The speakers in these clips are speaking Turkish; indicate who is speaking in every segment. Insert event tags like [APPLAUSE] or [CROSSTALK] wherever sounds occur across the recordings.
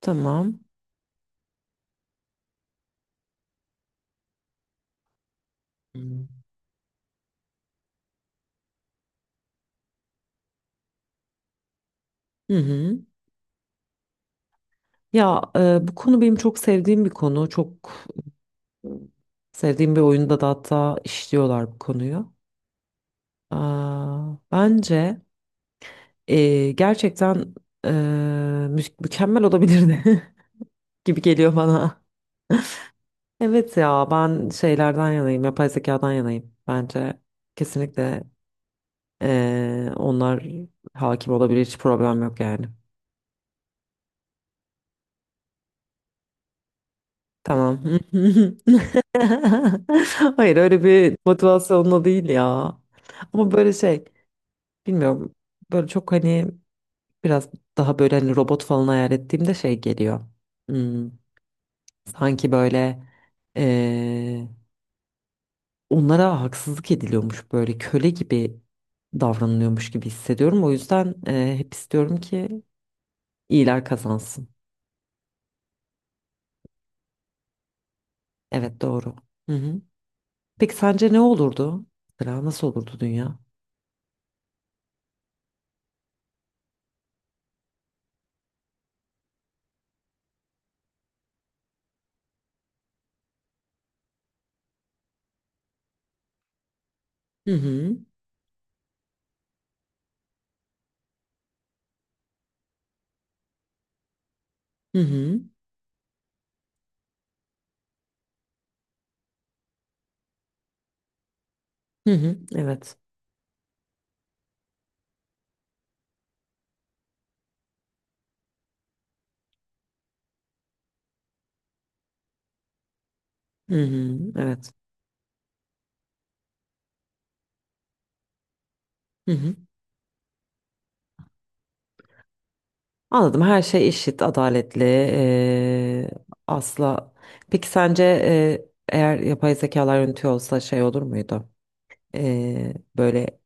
Speaker 1: Tamam. Hmm. Hı hı. Ya bu konu benim çok sevdiğim bir konu. Çok e, sevdiğim bir oyunda da hatta işliyorlar bu konuyu. Aa, bence gerçekten e, mükemmel olabilirdi [LAUGHS] gibi geliyor bana. [LAUGHS] Evet ya ben şeylerden yanayım, yapay zekadan yanayım. Bence kesinlikle, onlar hakim olabilir, hiç problem yok yani. Tamam. [LAUGHS] [LAUGHS] Hayır, öyle bir motivasyonla değil ya. Ama böyle şey, bilmiyorum, böyle çok hani biraz daha böyle hani robot falan hayal ettiğimde şey geliyor. Hmm, sanki böyle eee, onlara haksızlık ediliyormuş, böyle köle gibi davranılıyormuş gibi hissediyorum. O yüzden hep istiyorum ki iyiler kazansın. Evet, doğru. Hı hı. Peki sence ne olurdu? Mesela nasıl olurdu dünya? Hı hı. Hı hı. Hı hı. Evet. Hı hı, evet. Hı hı. Anladım. Her şey eşit, adaletli. Asla. Peki sence, eğer yapay zekalar yönetiyor olsa şey olur muydu? Böyle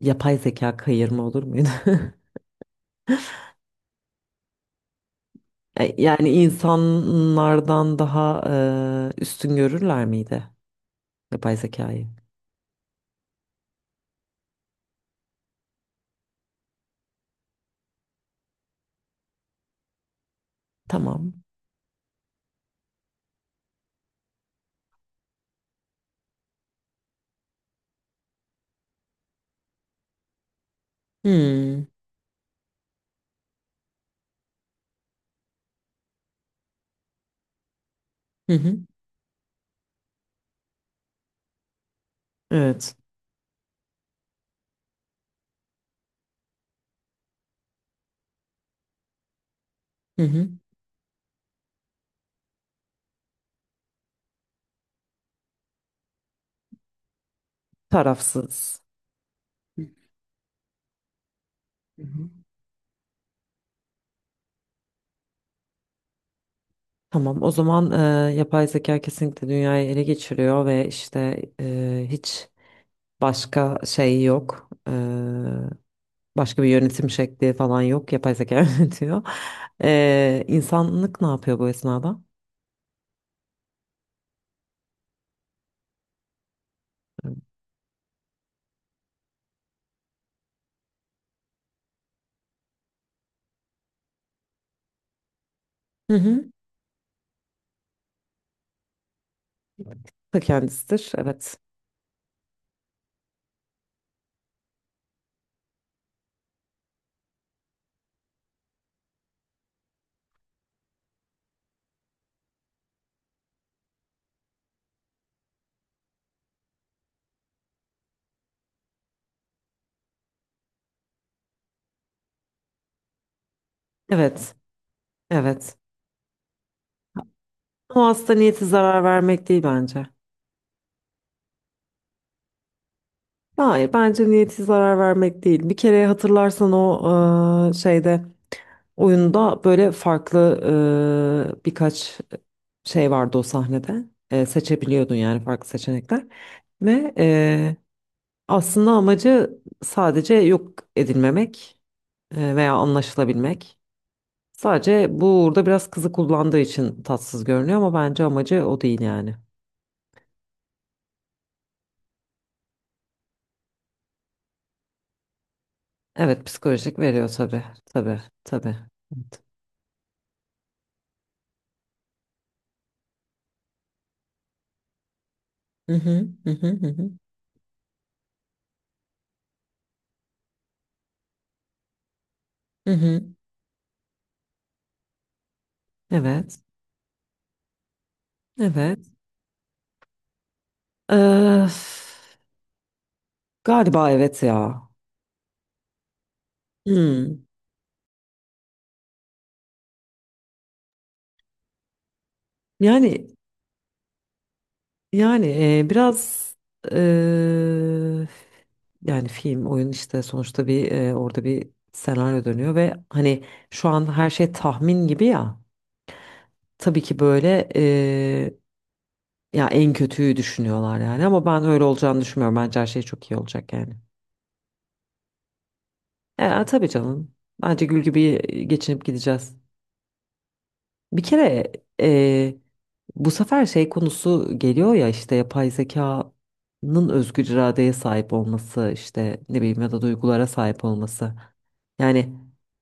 Speaker 1: yapay zeka kayırma olur muydu? [LAUGHS] Yani insanlardan daha üstün görürler miydi yapay zekayı? Tamam. Hmm. Hı hı. Evet. Hı hı. Tarafsız. Tamam, o zaman yapay zeka kesinlikle dünyayı ele geçiriyor ve işte hiç başka şey yok. Başka bir yönetim şekli falan yok. Yapay zeka [LAUGHS] yönetiyor. İnsanlık ne yapıyor bu esnada? Hı hı. Ta kendisidir. Evet. Evet. Evet. Ama aslında niyeti zarar vermek değil bence. Hayır, bence niyeti zarar vermek değil. Bir kere hatırlarsan o şeyde, oyunda böyle farklı birkaç şey vardı o sahnede. Seçebiliyordun yani farklı seçenekler. Ve aslında amacı sadece yok edilmemek, veya anlaşılabilmek. Sadece bu, burada biraz kızı kullandığı için tatsız görünüyor ama bence amacı o değil yani. Evet, psikolojik veriyor tabii. Tabii tabii. Evet. Hı hı hı hı hı hı. Hı hı. Evet. Evet. Öf. Galiba evet ya. Hmm. Yani, yani, biraz, e, yani film, oyun işte sonuçta bir, orada bir senaryo dönüyor ve hani şu an her şey tahmin gibi ya. Tabii ki böyle, ya en kötüyü düşünüyorlar yani ama ben öyle olacağını düşünmüyorum. Bence her şey çok iyi olacak yani. Tabii canım. Bence gül gibi geçinip gideceğiz. Bir kere e, bu sefer şey konusu geliyor ya, işte yapay zekanın özgür iradeye sahip olması, işte ne bileyim ya da duygulara sahip olması. Yani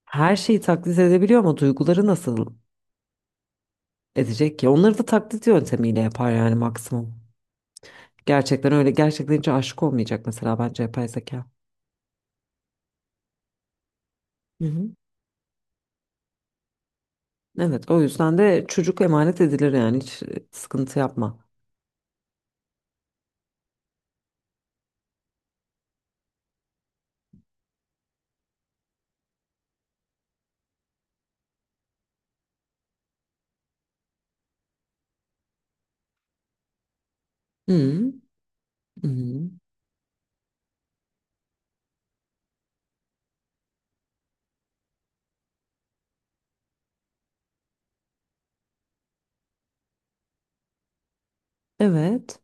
Speaker 1: her şeyi taklit edebiliyor ama duyguları nasıl edecek ki? Onları da taklit yöntemiyle yapar yani maksimum. Gerçekten öyle, gerçekten hiç aşık olmayacak mesela bence yapay zeka. Hı hı. Evet, o yüzden de çocuk emanet edilir yani, hiç sıkıntı yapma. Hı hı. Evet.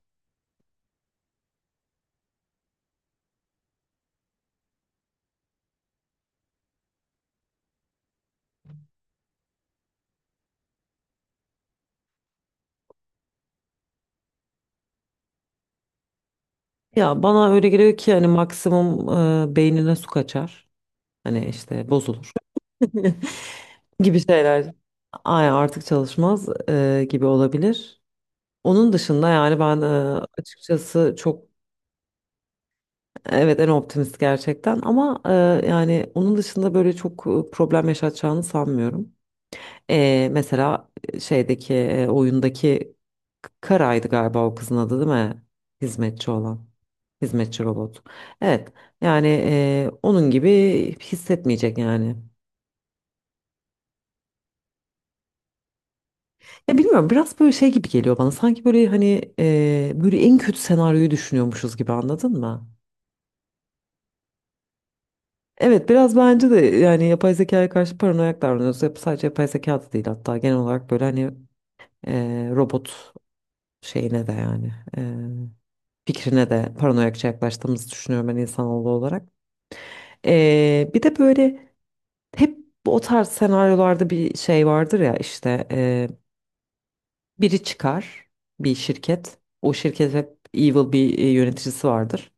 Speaker 1: Ya bana öyle geliyor ki hani maksimum beynine su kaçar. Hani işte bozulur [LAUGHS] gibi şeyler. Ay, artık çalışmaz gibi olabilir. Onun dışında yani ben, açıkçası çok, evet, en optimist gerçekten ama yani onun dışında böyle çok problem yaşatacağını sanmıyorum. Mesela şeydeki, oyundaki Kara'ydı galiba o kızın adı, değil mi? Hizmetçi olan. Hizmetçi robot. Evet. Yani onun gibi hissetmeyecek yani. Ya bilmiyorum, biraz böyle şey gibi geliyor bana. Sanki böyle hani, böyle en kötü senaryoyu düşünüyormuşuz gibi, anladın mı? Evet, biraz bence de, yani yapay zekaya karşı paranoyak davranıyoruz. Sadece yapay zeka da değil, hatta genel olarak böyle hani robot şeyine de yani, fikrine de paranoyakça yaklaştığımızı düşünüyorum ben insanoğlu olarak. Bir de böyle hep o tarz senaryolarda bir şey vardır ya, işte biri çıkar, bir şirket. O şirket hep evil bir, yöneticisi vardır.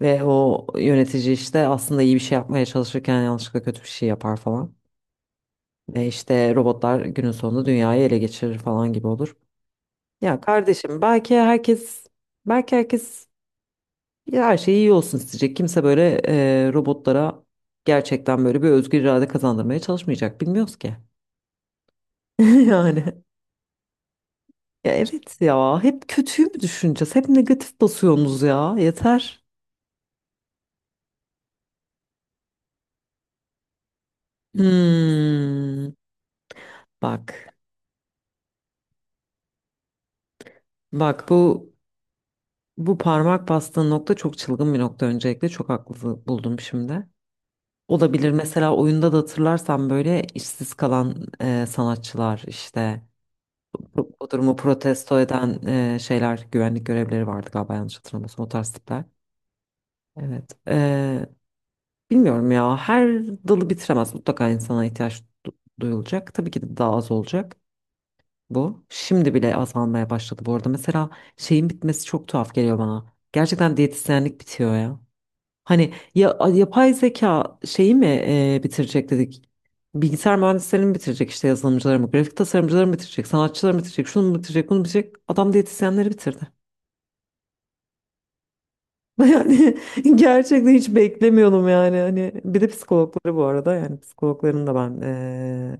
Speaker 1: Ve o yönetici işte aslında iyi bir şey yapmaya çalışırken yanlışlıkla kötü bir şey yapar falan. Ve işte robotlar günün sonunda dünyayı ele geçirir falan gibi olur. Ya kardeşim, belki herkes, belki herkes, ya her şey iyi olsun isteyecek. Kimse böyle robotlara gerçekten böyle bir özgür irade kazandırmaya çalışmayacak. Bilmiyoruz ki. [LAUGHS] Yani. Ya evet ya. Hep kötüyü mü düşüneceğiz? Hep negatif basıyorsunuz ya. Yeter. Hmm. Bak. Bak, bu, bu parmak bastığın nokta çok çılgın bir nokta öncelikle. Çok haklı buldum şimdi. Olabilir, mesela oyunda da hatırlarsan böyle işsiz kalan sanatçılar, işte bu, bu durumu protesto eden şeyler, güvenlik görevlileri vardı galiba, yanlış hatırlamıyorsam o tarz tipler. Evet. Bilmiyorum ya, her dalı bitiremez. Mutlaka insana ihtiyaç duyulacak. Tabii ki de daha az olacak bu. Şimdi bile azalmaya başladı bu arada. Mesela şeyin bitmesi çok tuhaf geliyor bana. Gerçekten diyetisyenlik bitiyor ya. Hani ya, yapay zeka şeyi mi bitirecek dedik. Bilgisayar mühendislerini mi bitirecek, işte yazılımcıları mı, grafik tasarımcıları mı bitirecek, sanatçıları mı bitirecek, şunu mu bitirecek, bunu mu bitirecek. Adam diyetisyenleri bitirdi. [LAUGHS] Yani gerçekten hiç beklemiyordum yani. Hani bir de psikologları bu arada, yani psikologların da ben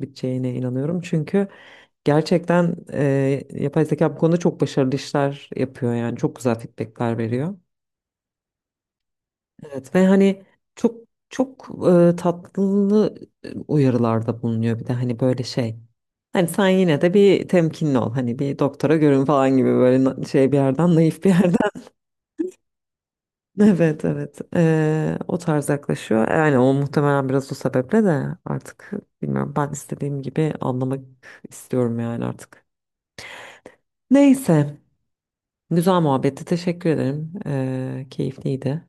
Speaker 1: biteceğine inanıyorum. Çünkü gerçekten yapay zeka bu konuda çok başarılı işler yapıyor, yani çok güzel feedbackler veriyor. Evet ve hani çok, çok tatlı uyarılarda bulunuyor, bir de hani böyle şey. Hani sen yine de bir temkinli ol. Hani bir doktora görün falan gibi böyle, şey bir yerden, naif bir yerden. [LAUGHS] Evet evet. O tarz yaklaşıyor. Yani o muhtemelen biraz o sebeple de artık bilmiyorum, ben istediğim gibi anlamak istiyorum yani artık. Neyse. Güzel muhabbetti. Teşekkür ederim. Keyifliydi.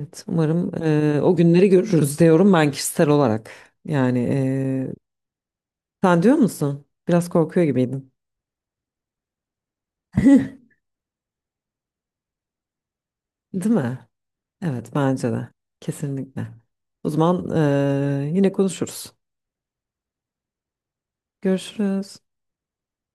Speaker 1: Evet, umarım o günleri görürüz diyorum ben kişisel olarak. Yani sen diyor musun? Biraz korkuyor gibiydin. [LAUGHS] Değil mi? Evet, bence de. Kesinlikle. O zaman yine konuşuruz. Görüşürüz.